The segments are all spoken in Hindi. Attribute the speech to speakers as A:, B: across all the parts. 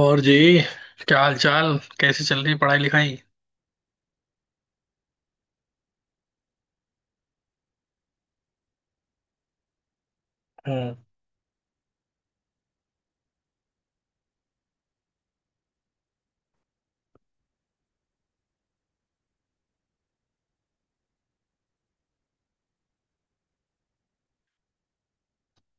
A: और जी। क्या हाल चाल, कैसी चल रही है पढ़ाई लिखाई? हम्म।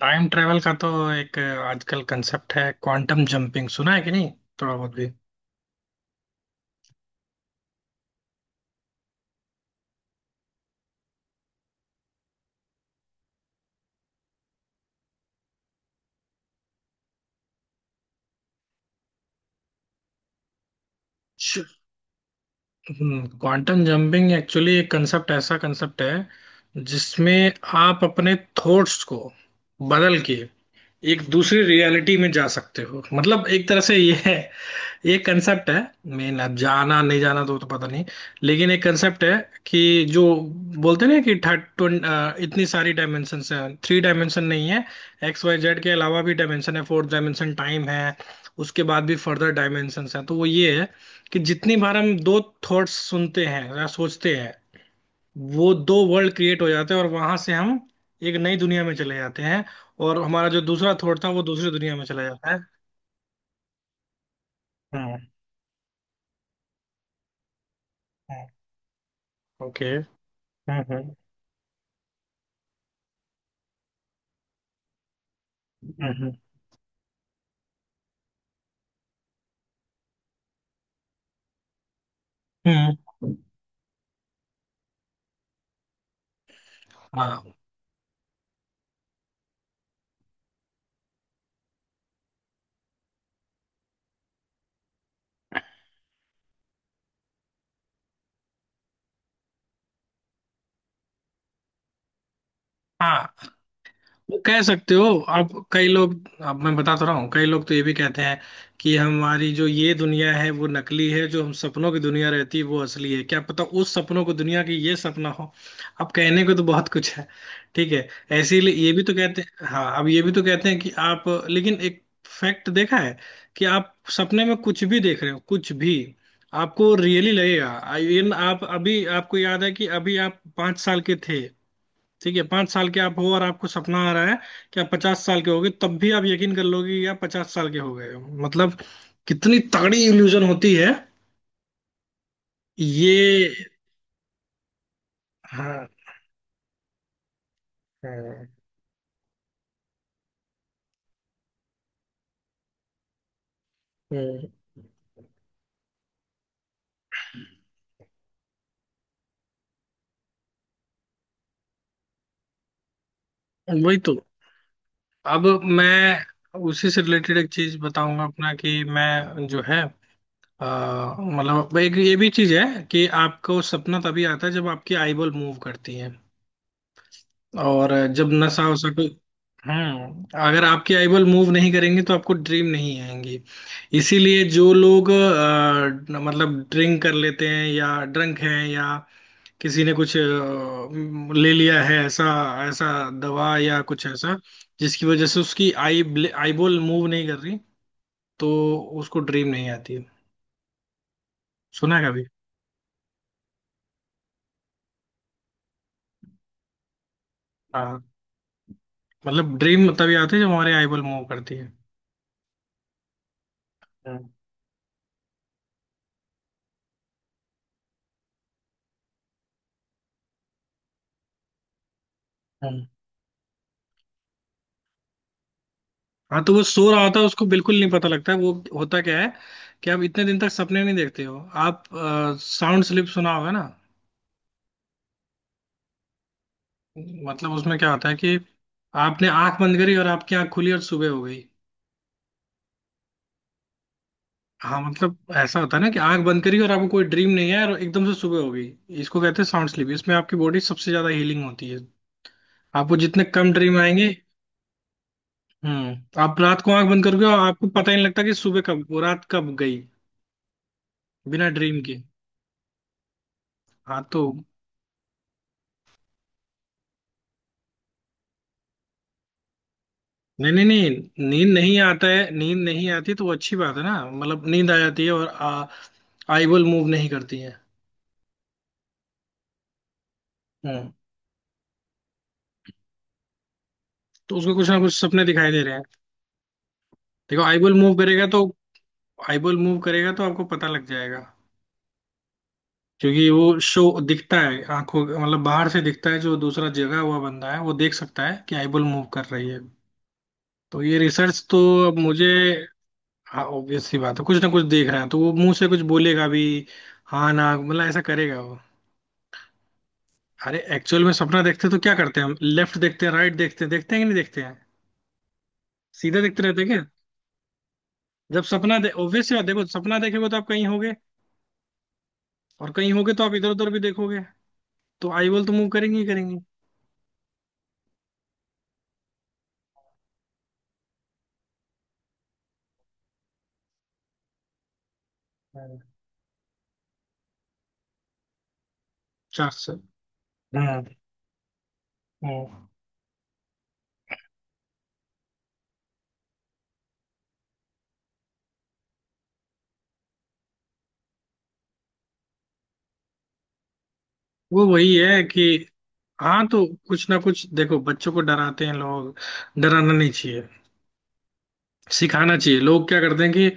A: टाइम ट्रेवल का तो एक आजकल कंसेप्ट है, क्वांटम जंपिंग। सुना है कि नहीं, थोड़ा बहुत भी? क्वांटम जंपिंग एक्चुअली एक कंसेप्ट, ऐसा कंसेप्ट है जिसमें आप अपने थॉट्स को बदल के एक दूसरी रियलिटी में जा सकते हो। मतलब एक तरह से ये है, ये कंसेप्ट है। मेन अब जाना नहीं जाना तो पता नहीं, लेकिन एक कंसेप्ट है। कि जो बोलते हैं ना कि थर्ड, इतनी सारी डायमेंशन है। थ्री डायमेंशन नहीं है, XYZ के अलावा भी डायमेंशन है। फोर्थ डायमेंशन टाइम है, उसके बाद भी फर्दर डायमेंशन है। तो वो ये है कि जितनी बार हम दो थॉट्स सुनते हैं या सोचते हैं, वो दो वर्ल्ड क्रिएट हो जाते हैं और वहां से हम एक नई दुनिया में चले जाते हैं। और हमारा जो दूसरा थॉट था वो दूसरी दुनिया में चला जाता है। हम्म। ओके, हम्म, okay, हम्म, हम्म। हम्म, हम्म। हाँ, हाँ, वो कह सकते हो। अब कई लोग, अब मैं बता तो रहा हूँ, कई लोग तो ये भी कहते हैं कि हमारी जो ये दुनिया है वो नकली है, जो हम सपनों की दुनिया रहती है वो असली है। क्या पता उस सपनों को दुनिया की ये सपना हो। अब कहने को तो बहुत कुछ है। ठीक है, ऐसे ही ये भी तो कहते हैं। हाँ, अब ये भी तो कहते हैं कि आप। लेकिन एक फैक्ट देखा है कि आप सपने में कुछ भी देख रहे हो, कुछ भी, आपको रियली लगेगा। आई- इन आप अभी, आपको याद है कि अभी आप 5 साल के थे। ठीक है, 5 साल के आप हो और आपको सपना आ रहा है कि आप 50 साल के हो गए, तब भी आप यकीन कर लोगे कि आप 50 साल के हो गए हो। मतलब कितनी तगड़ी इल्यूजन होती है ये। हाँ, हाँ, हम्म, वही तो। अब मैं उसी से रिलेटेड एक चीज बताऊंगा अपना कि मैं जो है। अ, मतलब एक ये भी चीज है कि आपको सपना तभी आता है जब आपकी आईबॉल मूव करती है। और जब नशा वसा कोई। अगर आपकी आईबॉल मूव नहीं करेंगे तो आपको ड्रीम नहीं आएंगी। इसीलिए जो लोग मतलब ड्रिंक कर लेते हैं या ड्रंक हैं, या किसी ने कुछ ले लिया है, ऐसा, ऐसा दवा या कुछ ऐसा, जिसकी वजह से उसकी आई आईबॉल मूव नहीं कर रही, तो उसको ड्रीम नहीं आती है। सुना है कभी? हाँ, मतलब ड्रीम तभी आती है जब हमारी आईबॉल मूव करती है। हम्म। हाँ तो वो सो रहा होता है, उसको बिल्कुल नहीं पता लगता है। वो होता क्या है कि आप इतने दिन तक सपने नहीं देखते हो। आप साउंड स्लिप सुना होगा ना। मतलब उसमें क्या होता है कि आपने आंख बंद करी और आपकी आंख खुली और सुबह हो गई। हाँ, मतलब ऐसा होता है ना कि आंख बंद करी और आपको कोई ड्रीम नहीं है और एकदम से सुबह हो गई। इसको कहते हैं साउंड स्लीप, इसमें आपकी बॉडी सबसे ज्यादा हीलिंग होती है। आपको जितने कम ड्रीम आएंगे। हम्म, आप रात को आंख बंद करोगे और आपको पता ही नहीं लगता कि सुबह कब, वो रात कब गई, बिना ड्रीम के। हाँ तो नहीं, नहीं, नहीं, नींद नहीं आता है। नींद नहीं आती तो वो अच्छी बात है ना। मतलब नींद आ जाती है और आईबॉल मूव नहीं करती है। हम्म। तो उसको कुछ ना कुछ सपने दिखाई दे रहे हैं। देखो आईबॉल मूव करेगा तो आईबॉल मूव करेगा तो आपको पता लग जाएगा। क्योंकि वो शो दिखता है आंखों, मतलब बाहर से दिखता है। जो दूसरा जगह हुआ बंदा है वो देख सकता है कि आईबॉल मूव कर रही है। तो ये रिसर्च तो, अब मुझे, हाँ, ऑब्वियस सी बात है, कुछ ना कुछ देख रहा है तो वो मुंह से कुछ बोलेगा भी। हाँ ना, मतलब ऐसा करेगा वो। अरे एक्चुअल में सपना देखते हैं तो क्या करते हैं, हम लेफ्ट देखते हैं, राइट देखते हैं। देखते हैं कि नहीं देखते हैं, सीधे देखते रहते हैं क्या? जब सपना दे ऑब्वियस सी बात, देखो सपना देखेगे तो आप कहीं होगे और कहीं होगे तो आप इधर उधर भी देखोगे, तो आई बॉल तो मूव करेंगे ही करेंगे। चार से। हम्म, हम्म। वो वही है कि, हाँ तो कुछ ना कुछ, देखो बच्चों को डराते हैं लोग। डराना नहीं चाहिए, सिखाना चाहिए। लोग क्या करते हैं कि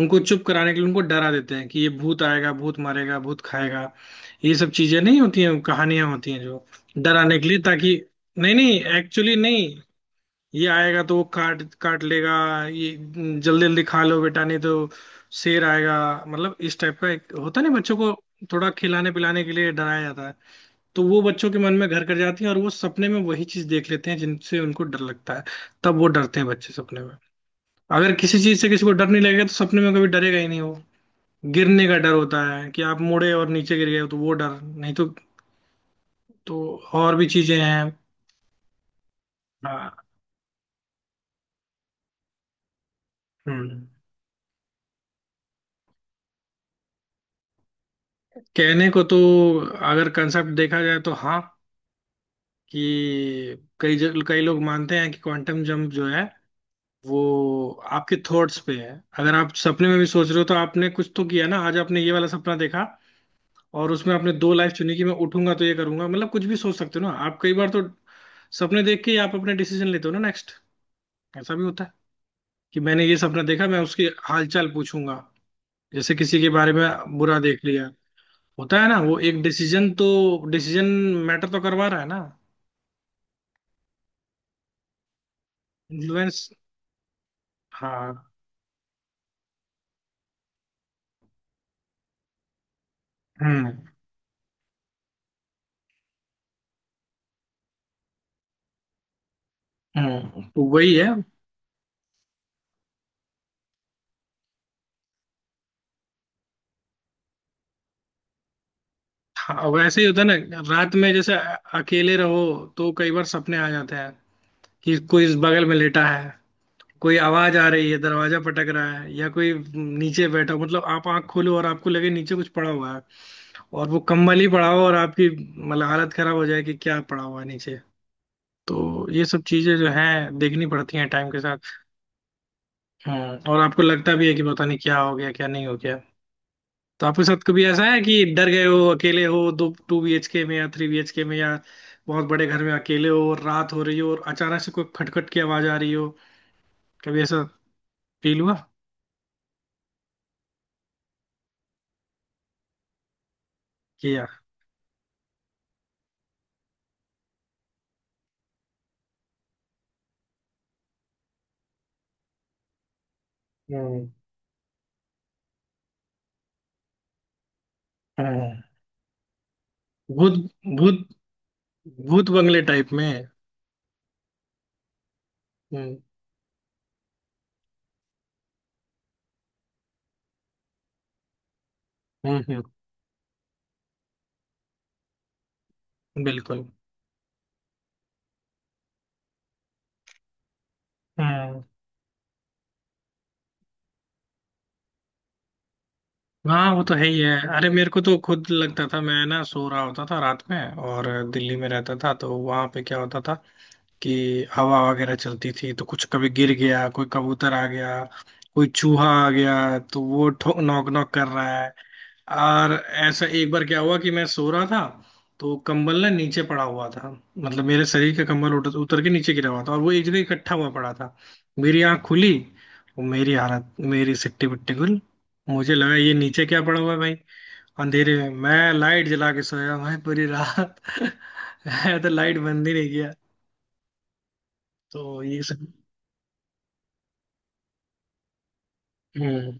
A: उनको चुप कराने के लिए उनको डरा देते हैं कि ये भूत आएगा, भूत मारेगा, भूत खाएगा। ये सब चीजें नहीं होती हैं, कहानियां होती हैं जो डराने के लिए, ताकि नहीं, नहीं, एक्चुअली नहीं, ये आएगा तो वो काट काट लेगा। ये जल्दी जल्दी खा लो बेटा नहीं तो शेर आएगा, मतलब इस टाइप का। एक होता नहीं बच्चों को, थोड़ा खिलाने पिलाने के लिए डराया जाता है। तो वो बच्चों के मन में घर कर जाती है और वो सपने में वही चीज देख लेते हैं जिनसे उनको डर लगता है। तब वो डरते हैं बच्चे सपने में। अगर किसी चीज से किसी को डर नहीं लगेगा तो सपने में कभी डरेगा ही नहीं वो। गिरने का डर होता है कि आप मुड़े और नीचे गिर गए हो, तो वो डर नहीं तो और भी चीजें हैं। हाँ, हम्म। कहने को तो, अगर कंसेप्ट देखा जाए तो हाँ कि कई लोग मानते हैं कि क्वांटम जंप जो है वो आपके थॉट्स पे है। अगर आप सपने में भी सोच रहे हो तो आपने कुछ तो किया ना। आज आपने ये वाला सपना देखा और उसमें आपने दो लाइफ चुनी कि मैं उठूंगा तो ये करूंगा, मतलब कुछ भी सोच सकते हो ना आप। कई बार तो सपने देख के ही आप अपने डिसीजन लेते हो ना नेक्स्ट। ऐसा भी होता है कि मैंने ये सपना देखा, मैं उसकी हालचाल पूछूंगा, जैसे किसी के बारे में बुरा देख लिया। होता है ना वो एक डिसीजन तो, डिसीजन मैटर तो करवा रहा है ना। इन्फ्लुएंस, हाँ। हम्म, हम्म, तो वही है। हाँ वैसे ही होता है ना, रात में जैसे अकेले रहो तो कई बार सपने आ जाते हैं कि कोई इस बगल में लेटा है, कोई आवाज आ रही है, दरवाजा पटक रहा है, या कोई नीचे बैठा हो। मतलब आप आंख खोलो और आपको लगे नीचे कुछ पड़ा हुआ है, और वो कंबल ही पड़ा हो और आपकी मतलब हालत खराब हो जाए कि क्या पड़ा हुआ है नीचे। तो ये सब चीजें जो हैं देखनी पड़ती हैं टाइम के साथ। हम्म, और आपको लगता भी है कि पता नहीं क्या हो गया क्या नहीं हो गया। तो आपके साथ कभी ऐसा है कि डर गए हो, अकेले हो दो 2 BHK में या 3 BHK में, या बहुत बड़े घर में अकेले हो और रात हो रही हो और अचानक से कोई खटखट की आवाज आ रही हो, कभी ऐसा फील हुआ कि यार। हम्म, हम्म। भूत, भूत, भूत बंगले टाइप में। हम्म, हम्म, बिल्कुल, हम्म। हाँ वो तो है ही है, अरे मेरे को तो खुद लगता था, मैं ना सो रहा होता था रात में, और दिल्ली में रहता था तो वहां पे क्या होता था कि हवा वगैरह चलती थी तो कुछ कभी गिर गया, कोई कबूतर आ गया, कोई चूहा आ गया, तो वो ठो नॉक नॉक कर रहा है। और ऐसा एक बार क्या हुआ कि मैं सो रहा था, तो कंबल ना नीचे पड़ा हुआ था। मतलब मेरे शरीर का कंबल उतर के नीचे गिरा हुआ था और वो एक जगह इकट्ठा हुआ पड़ा था। मेरी आंख खुली और मेरी हालत, मेरी सिट्टी बिट्टी गुल। मुझे लगा ये नीचे क्या पड़ा हुआ है भाई। अंधेरे में मैं लाइट जला के सोया भाई पूरी रात मैं तो लाइट बंद ही नहीं किया। तो ये सब। हम्म,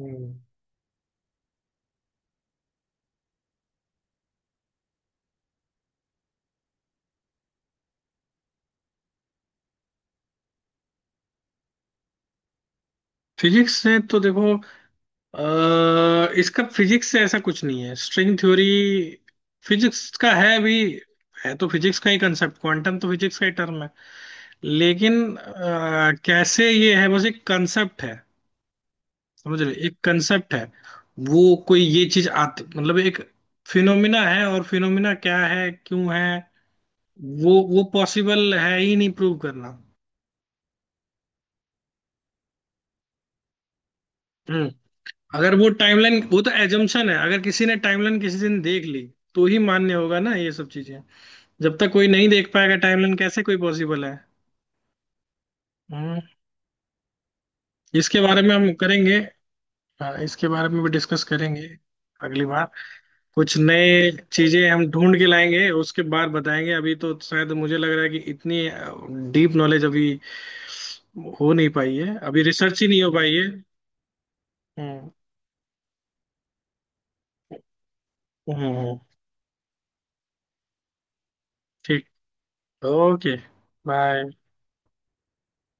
A: हम्म। फिजिक्स से तो देखो, इसका फिजिक्स से ऐसा कुछ नहीं है, स्ट्रिंग थ्योरी फिजिक्स का है भी। है तो फिजिक्स का ही कंसेप्ट, क्वांटम तो फिजिक्स का ही टर्म है। लेकिन कैसे ये है, बस एक कंसेप्ट है। समझ रहे, एक कंसेप्ट है। वो कोई ये चीज आती, मतलब एक फिनोमिना है, और फिनोमिना क्या है, क्यों है, वो पॉसिबल है ही नहीं प्रूव करना। हम्म, अगर वो टाइमलाइन, वो तो एजम्पशन है। अगर किसी ने टाइमलाइन किसी दिन देख ली तो ही मान्य होगा ना ये सब चीजें। जब तक कोई नहीं देख पाएगा टाइमलाइन, कैसे कोई पॉसिबल है? हम्म। इसके बारे में हम करेंगे। हाँ, इसके बारे में भी डिस्कस करेंगे अगली बार। कुछ नए चीजें हम ढूंढ के लाएंगे उसके बाद बताएंगे, अभी तो शायद मुझे लग रहा है कि इतनी डीप नॉलेज अभी हो नहीं पाई है, अभी रिसर्च ही नहीं हो पाई है। हम्म, हम्म, ठीक, ओके, बाय।